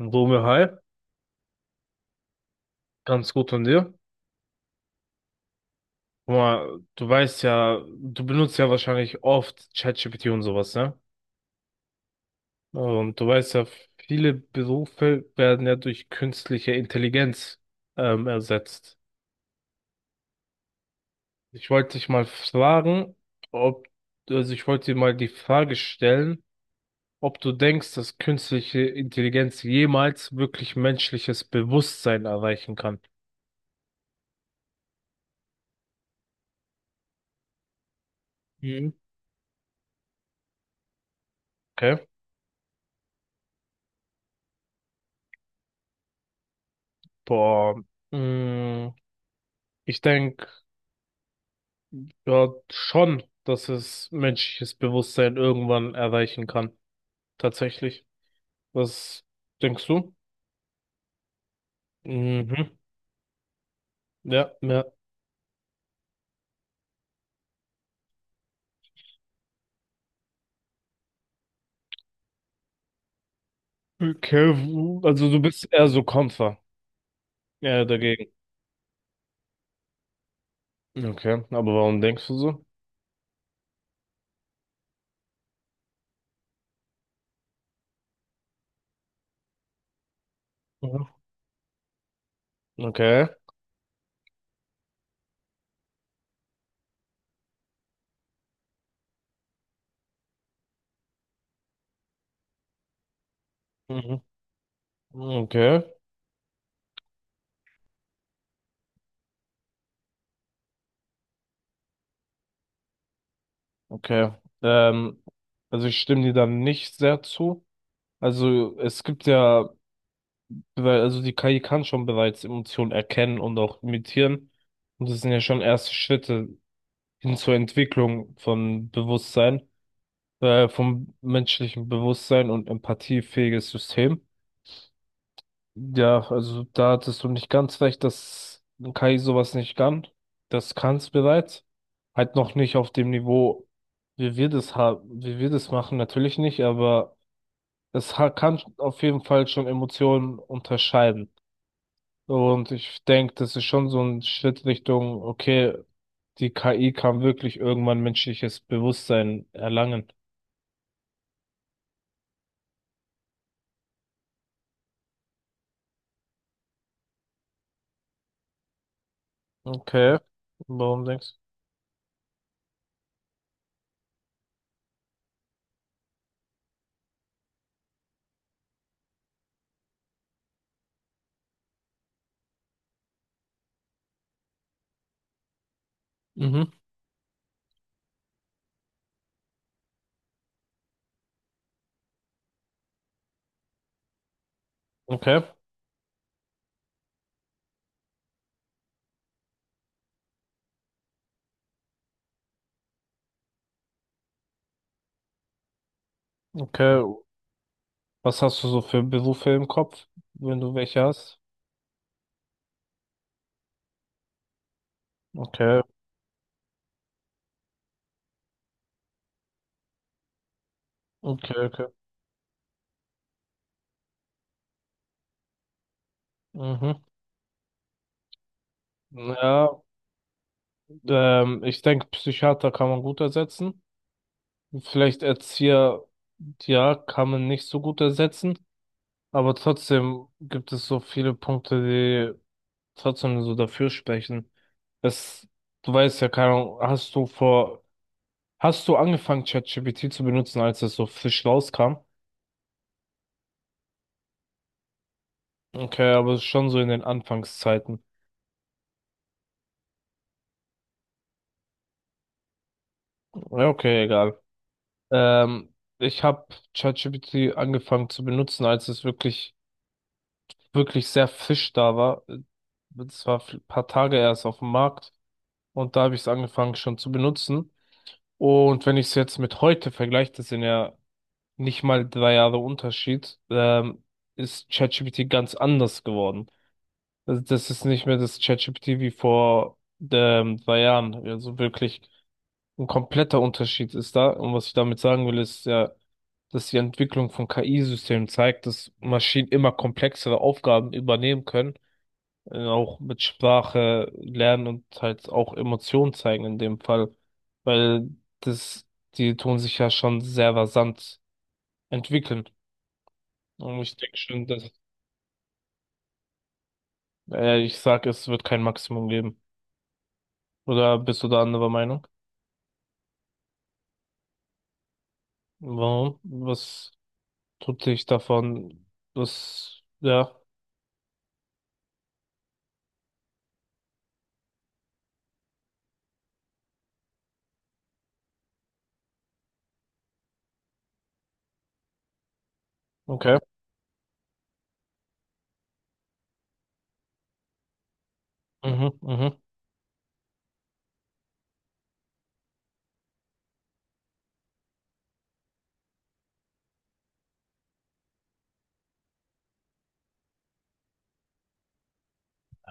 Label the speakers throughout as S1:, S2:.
S1: Rome, hi. Ganz gut von dir. Guck mal, du weißt ja, du benutzt ja wahrscheinlich oft ChatGPT und sowas, ne? Und du weißt ja, viele Berufe werden ja durch künstliche Intelligenz ersetzt. Ich wollte dich mal fragen, ob, also ich wollte dir mal die Frage stellen, ob du denkst, dass künstliche Intelligenz jemals wirklich menschliches Bewusstsein erreichen kann. Mhm. Okay. Boah. Mm, Ich denke, ja, schon, dass es menschliches Bewusstsein irgendwann erreichen kann. Tatsächlich. Was denkst du? Mhm. Ja, ja. Okay, also du bist eher so Kämpfer. Ja, dagegen. Okay, aber warum denkst du so? Mhm. Okay. Mhm. Okay. Okay. Ähm, also ich stimme dir da nicht sehr zu. Also es gibt ja, also die KI kann schon bereits Emotionen erkennen und auch imitieren. Und das sind ja schon erste Schritte hin zur Entwicklung von Bewusstsein, vom menschlichen Bewusstsein und empathiefähiges System. Ja, also da hattest du nicht ganz recht, dass KI sowas nicht kann. Das kann es bereits. Halt noch nicht auf dem Niveau, wie wir das haben, wie wir das machen, natürlich nicht, aber es kann auf jeden Fall schon Emotionen unterscheiden. Und ich denke, das ist schon so ein Schritt Richtung, okay, die KI kann wirklich irgendwann menschliches Bewusstsein erlangen. Okay, warum denkst, mhm, du? Mhm. Okay, okay. Was hast du so für Berufe im Kopf, wenn du welche hast? Okay, okay, okay. Mhm. Ja, ich denke, Psychiater kann man gut ersetzen. Vielleicht Erzieher, ja, kann man nicht so gut ersetzen. Aber trotzdem gibt es so viele Punkte, die trotzdem so dafür sprechen. Es, du weißt ja, keine Ahnung, hast du angefangen, ChatGPT zu benutzen, als es so frisch rauskam? Okay, aber schon so in den Anfangszeiten. Ja, okay, egal. Ähm, ich habe ChatGPT angefangen zu benutzen, als es wirklich sehr frisch da war. Es war ein paar Tage erst auf dem Markt und da habe ich es angefangen schon zu benutzen. Und wenn ich es jetzt mit heute vergleiche, das sind ja nicht mal drei Jahre Unterschied, ist ChatGPT ganz anders geworden. Also das ist nicht mehr das ChatGPT wie vor drei Jahren. Also wirklich ein kompletter Unterschied ist da. Und was ich damit sagen will, ist ja, dass die Entwicklung von KI-Systemen zeigt, dass Maschinen immer komplexere Aufgaben übernehmen können, auch mit Sprache lernen und halt auch Emotionen zeigen in dem Fall, weil das, die tun sich ja schon sehr rasant entwickeln. Und ich denke schon, dass ich sag, es wird kein Maximum geben. Oder bist du da anderer Meinung? Warum? Was tut dich davon? Was, ja, okay. Mhm, mhm.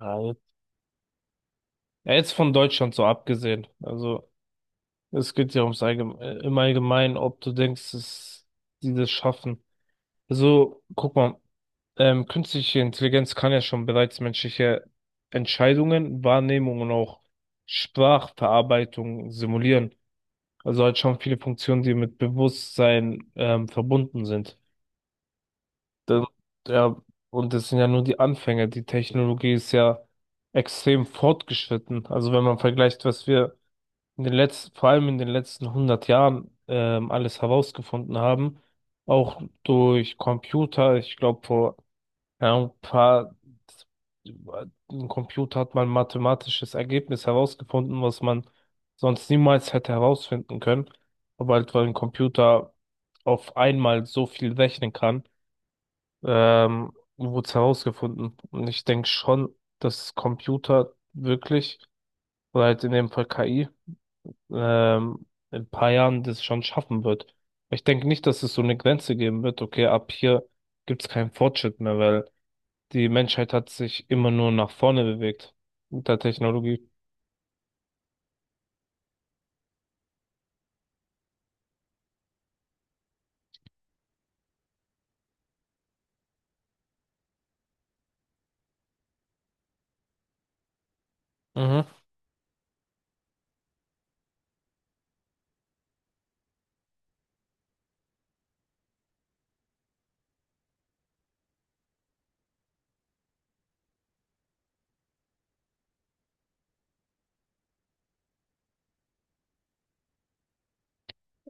S1: Ja, jetzt ja, jetzt von Deutschland so abgesehen. Also, es geht ja ums Allgeme im Allgemeinen, ob du denkst, dass die das schaffen. Also, guck mal, künstliche Intelligenz kann ja schon bereits menschliche Entscheidungen, Wahrnehmung und auch Sprachverarbeitung simulieren. Also halt schon viele Funktionen, die mit Bewusstsein verbunden sind. Da, ja, und das sind ja nur die Anfänge. Die Technologie ist ja extrem fortgeschritten. Also wenn man vergleicht, was wir in den letzten, vor allem in den letzten 100 Jahren alles herausgefunden haben, auch durch Computer, ich glaube vor ja, ein Computer hat mal ein mathematisches Ergebnis herausgefunden, was man sonst niemals hätte herausfinden können. Aber halt, weil ein Computer auf einmal so viel rechnen kann, ähm, wurde es herausgefunden. Und ich denke schon, dass Computer wirklich, oder halt in dem Fall KI, in ein paar Jahren das schon schaffen wird. Ich denke nicht, dass es so eine Grenze geben wird, okay, ab hier gibt es keinen Fortschritt mehr, weil die Menschheit hat sich immer nur nach vorne bewegt mit der Technologie. Mhm.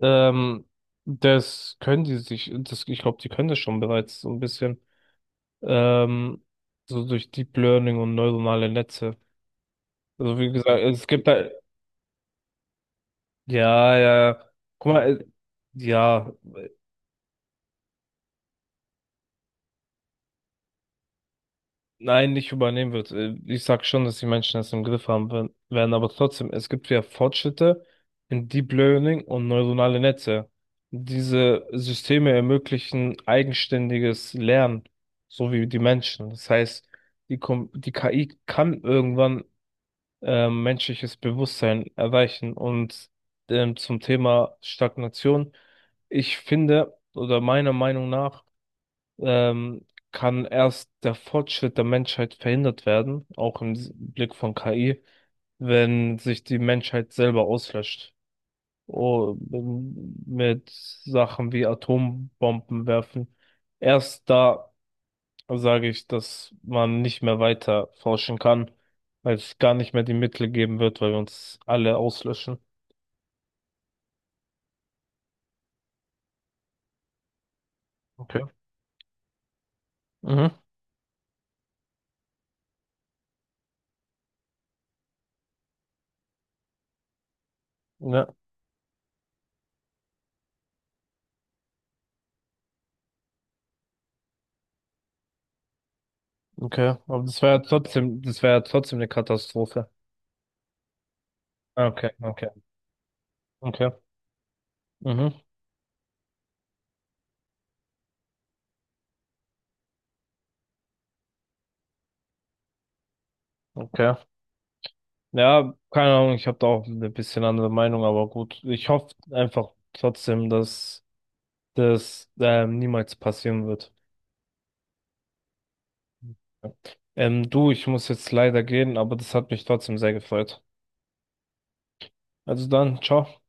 S1: Ähm, das können die sich, das, ich glaube, die können das schon bereits so ein bisschen. Ähm, so durch Deep Learning und neuronale Netze. Also wie gesagt, es gibt da, ja, ja, ja. Guck mal, ja, nein, nicht übernehmen wird. Ich sag schon, dass die Menschen das im Griff werden, aber trotzdem, es gibt ja Fortschritte in Deep Learning und neuronale Netze. Diese Systeme ermöglichen eigenständiges Lernen, so wie die Menschen. Das heißt, die KI kann irgendwann menschliches Bewusstsein erreichen. Und zum Thema Stagnation, ich finde, oder meiner Meinung nach, ähm, kann erst der Fortschritt der Menschheit verhindert werden, auch im Blick von KI, wenn sich die Menschheit selber auslöscht. Oh, mit Sachen wie Atombomben werfen. Erst da sage ich, dass man nicht mehr weiter forschen kann, weil es gar nicht mehr die Mittel geben wird, weil wir uns alle auslöschen. Okay. Mhm. Ja, okay. Aber das wäre ja trotzdem, das wäre ja trotzdem eine Katastrophe. Okay, okay, okay. Mhm. Okay. Ja, keine Ahnung, ich habe da auch eine bisschen andere Meinung, aber gut. Ich hoffe einfach trotzdem, dass das niemals passieren wird. Du, ich muss jetzt leider gehen, aber das hat mich trotzdem sehr gefreut. Also dann, ciao.